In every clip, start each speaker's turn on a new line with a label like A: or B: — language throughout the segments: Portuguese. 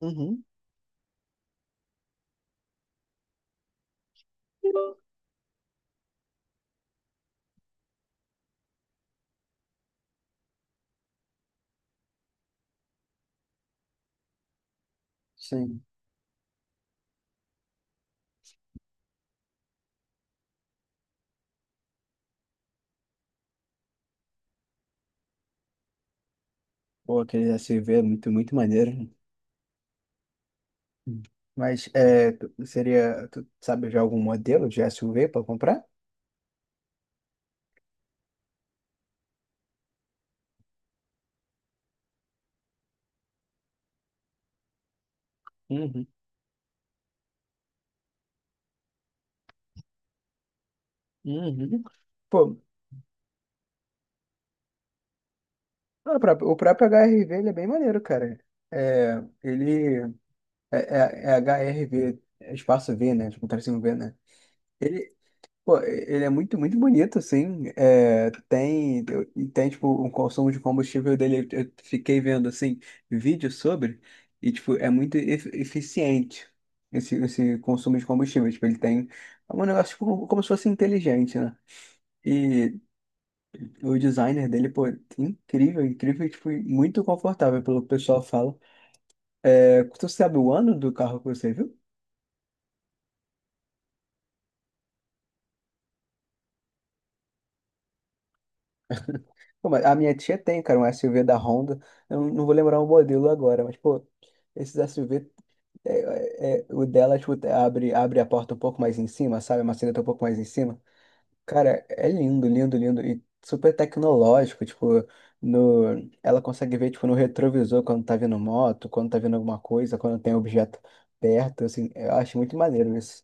A: Uhum. Sim. Pô, aquele SUV é muito maneiro. Hum. Mas é, seria, tu sabe já algum modelo de SUV para comprar? Uhum. Uhum. Pô, o próprio HRV ele é bem maneiro, cara. É, ele é HRV, é espaço V, né? Tipo, tracinho V, né? Ele, Pô, ele é muito bonito, assim. É, e tem, tipo, um consumo de combustível dele. Eu fiquei vendo, assim, vídeos e, tipo, é muito eficiente esse consumo de combustível. Tipo, ele tem é um negócio, tipo, como se fosse inteligente, né? E o designer dele, pô, incrível, incrível, e, tipo, e muito confortável, pelo que o pessoal fala. É, tu sabe o ano do carro que você viu? Pô, mas a minha tia tem, cara, um SUV da Honda. Eu não vou lembrar o modelo agora, mas, pô. Esses SUV é, o dela, tipo, abre a porta um pouco mais em cima, sabe? A maçaneta um pouco mais em cima. Cara, é lindo, lindo, lindo. E super tecnológico, tipo, no... ela consegue ver, tipo, no retrovisor quando tá vindo moto, quando tá vindo alguma coisa, quando tem objeto perto, assim. Eu acho muito maneiro isso.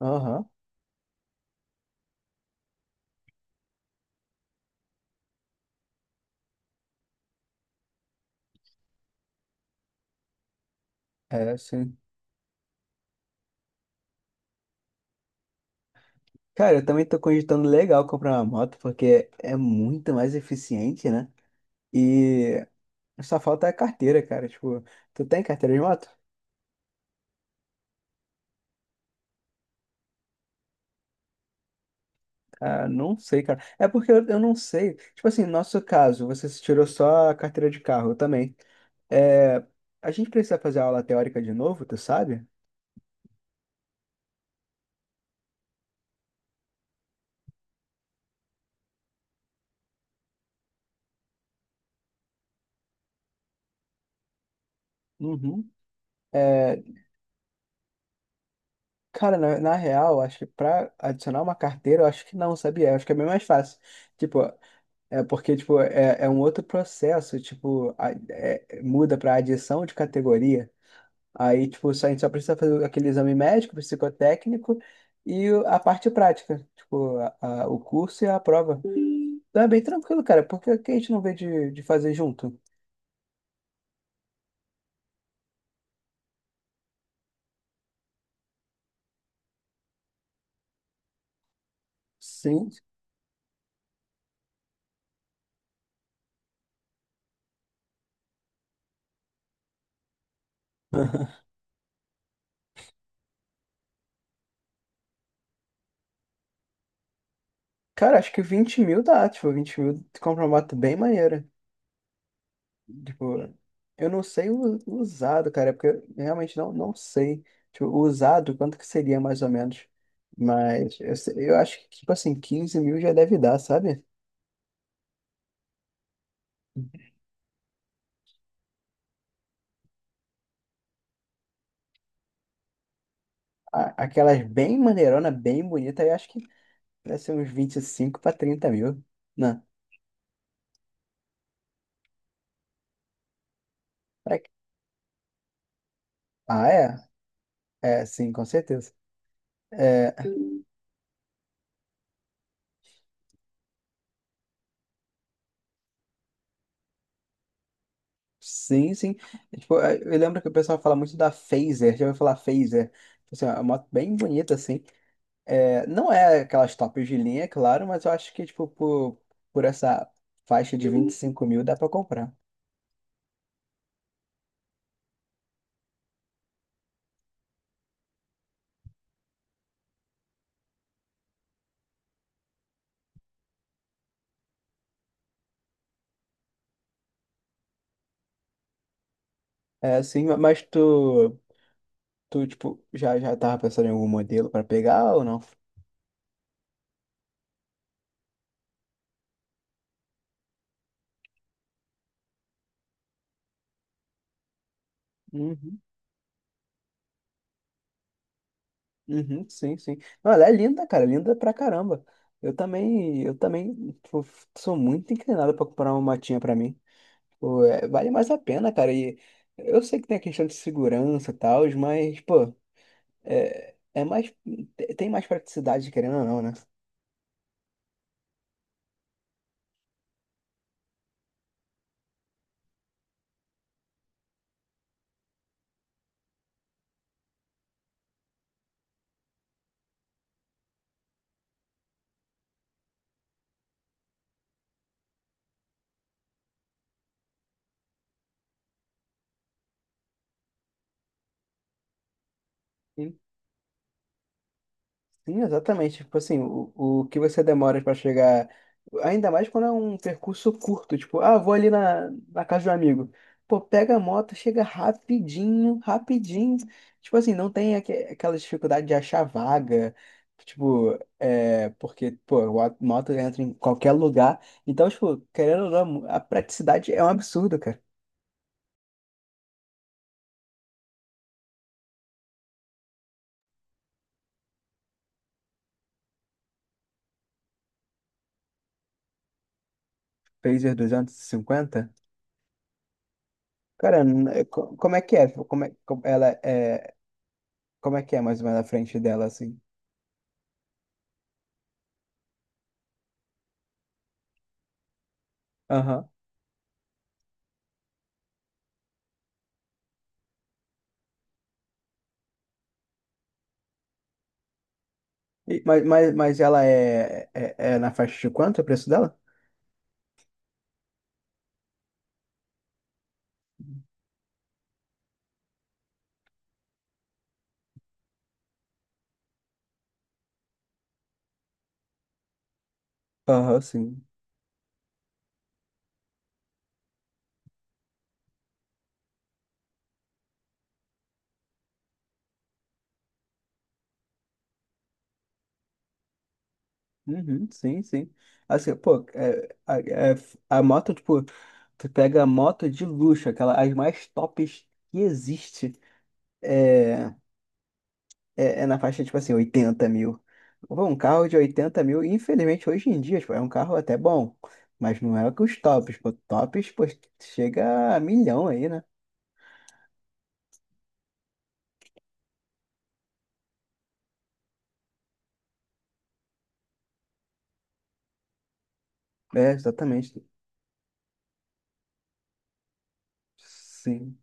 A: Aham, é, sim. Cara, eu também tô cogitando legal comprar uma moto, porque é muito mais eficiente, né? E só falta a carteira, cara. Tipo, tu tem carteira de moto? Ah, não sei, cara. É porque eu não sei. Tipo assim, no nosso caso, você se tirou só a carteira de carro, eu também. É, a gente precisa fazer aula teórica de novo, tu sabe? Uhum. É, cara, na real, acho que pra adicionar uma carteira, eu acho que não, sabia? Eu acho que é bem mais fácil. Tipo, é porque, tipo, é um outro processo, tipo, muda pra adição de categoria. Aí, tipo, a gente só precisa fazer aquele exame médico, psicotécnico e a parte prática, tipo, o curso e a prova. Então é bem tranquilo, cara, porque que a gente não vê de fazer junto? Sim. Cara, acho que 20 mil dá, tipo, 20 mil tu compra uma moto bem maneira. Tipo, eu não sei o usado, cara, é porque eu realmente não sei. Tipo, o usado, quanto que seria mais ou menos? Mas eu acho que, tipo assim, 15 mil já deve dar, sabe? Aquelas bem maneirona, bem bonita, eu acho que deve ser uns 25 a 30 mil. Não. Pra quê? Ah, é? É, sim, com certeza. Sim, sim. É, tipo, é, eu lembro que o pessoal fala muito da Phaser. Já ouviu falar Phaser? Tipo assim, é uma moto bem bonita, assim. É, não é aquelas tops de linha, é claro, mas eu acho que, tipo, por essa faixa de 25 mil dá pra comprar. É, sim, mas tu, tu, tipo, já tava pensando em algum modelo pra pegar ou não? Uhum, sim, sim. Não, ela é linda, cara, linda pra caramba. Eu também tipo, sou muito inclinado pra comprar uma motinha pra mim. Pô, é, vale mais a pena, cara. E eu sei que tem a questão de segurança e tal, mas, pô, é, é mais, tem mais praticidade, querendo ou não, né? Sim, exatamente. Tipo assim, o que você demora para chegar, ainda mais quando é um percurso curto, tipo, ah, vou ali na casa de um amigo. Pô, pega a moto, chega rapidinho, rapidinho. Tipo assim, não tem aquela dificuldade de achar vaga. Tipo, é, porque, pô, a moto entra em qualquer lugar. Então, tipo, querendo ou não, a praticidade é um absurdo, cara. Pacer 250? Cara, como é que é? Como ela é, como é que é mais ou menos a frente dela, assim? Aham. Mas, mas ela é, é na faixa de quanto o preço dela? Aham, sim. Uhum, sim, sim. Assim, pô, a moto, tipo, tu pega a moto de luxo, aquela, as mais tops que existe, é, é na faixa, tipo assim, 80 mil. Pô, um carro de 80 mil, infelizmente, hoje em dia, tipo, é um carro até bom, mas não é que os tops, pô, chega a milhão aí, né? É, exatamente. Sim.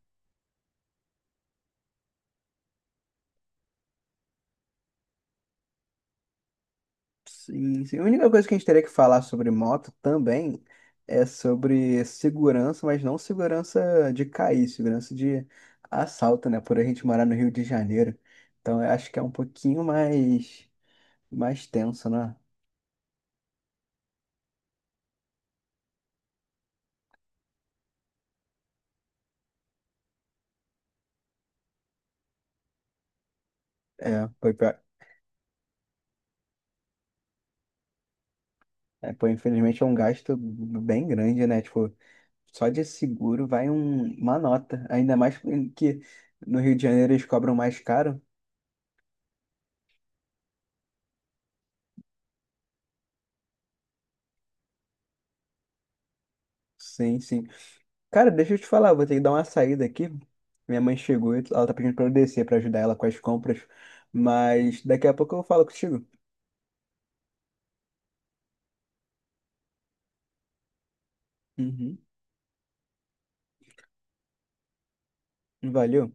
A: Sim, sim. A única coisa que a gente teria que falar sobre moto também é sobre segurança, mas não segurança de cair, segurança de assalto, né? Por a gente morar no Rio de Janeiro. Então eu acho que é um mais tenso, né? É, é, pô, infelizmente é um gasto bem grande, né? Tipo, só de seguro vai uma nota. Ainda mais que no Rio de Janeiro eles cobram mais caro. Sim, sim. Cara, deixa eu te falar, eu vou ter que dar uma saída aqui. Minha mãe chegou e ela tá pedindo pra eu descer pra ajudar ela com as compras, mas daqui a pouco eu falo contigo. Uhum. Valeu.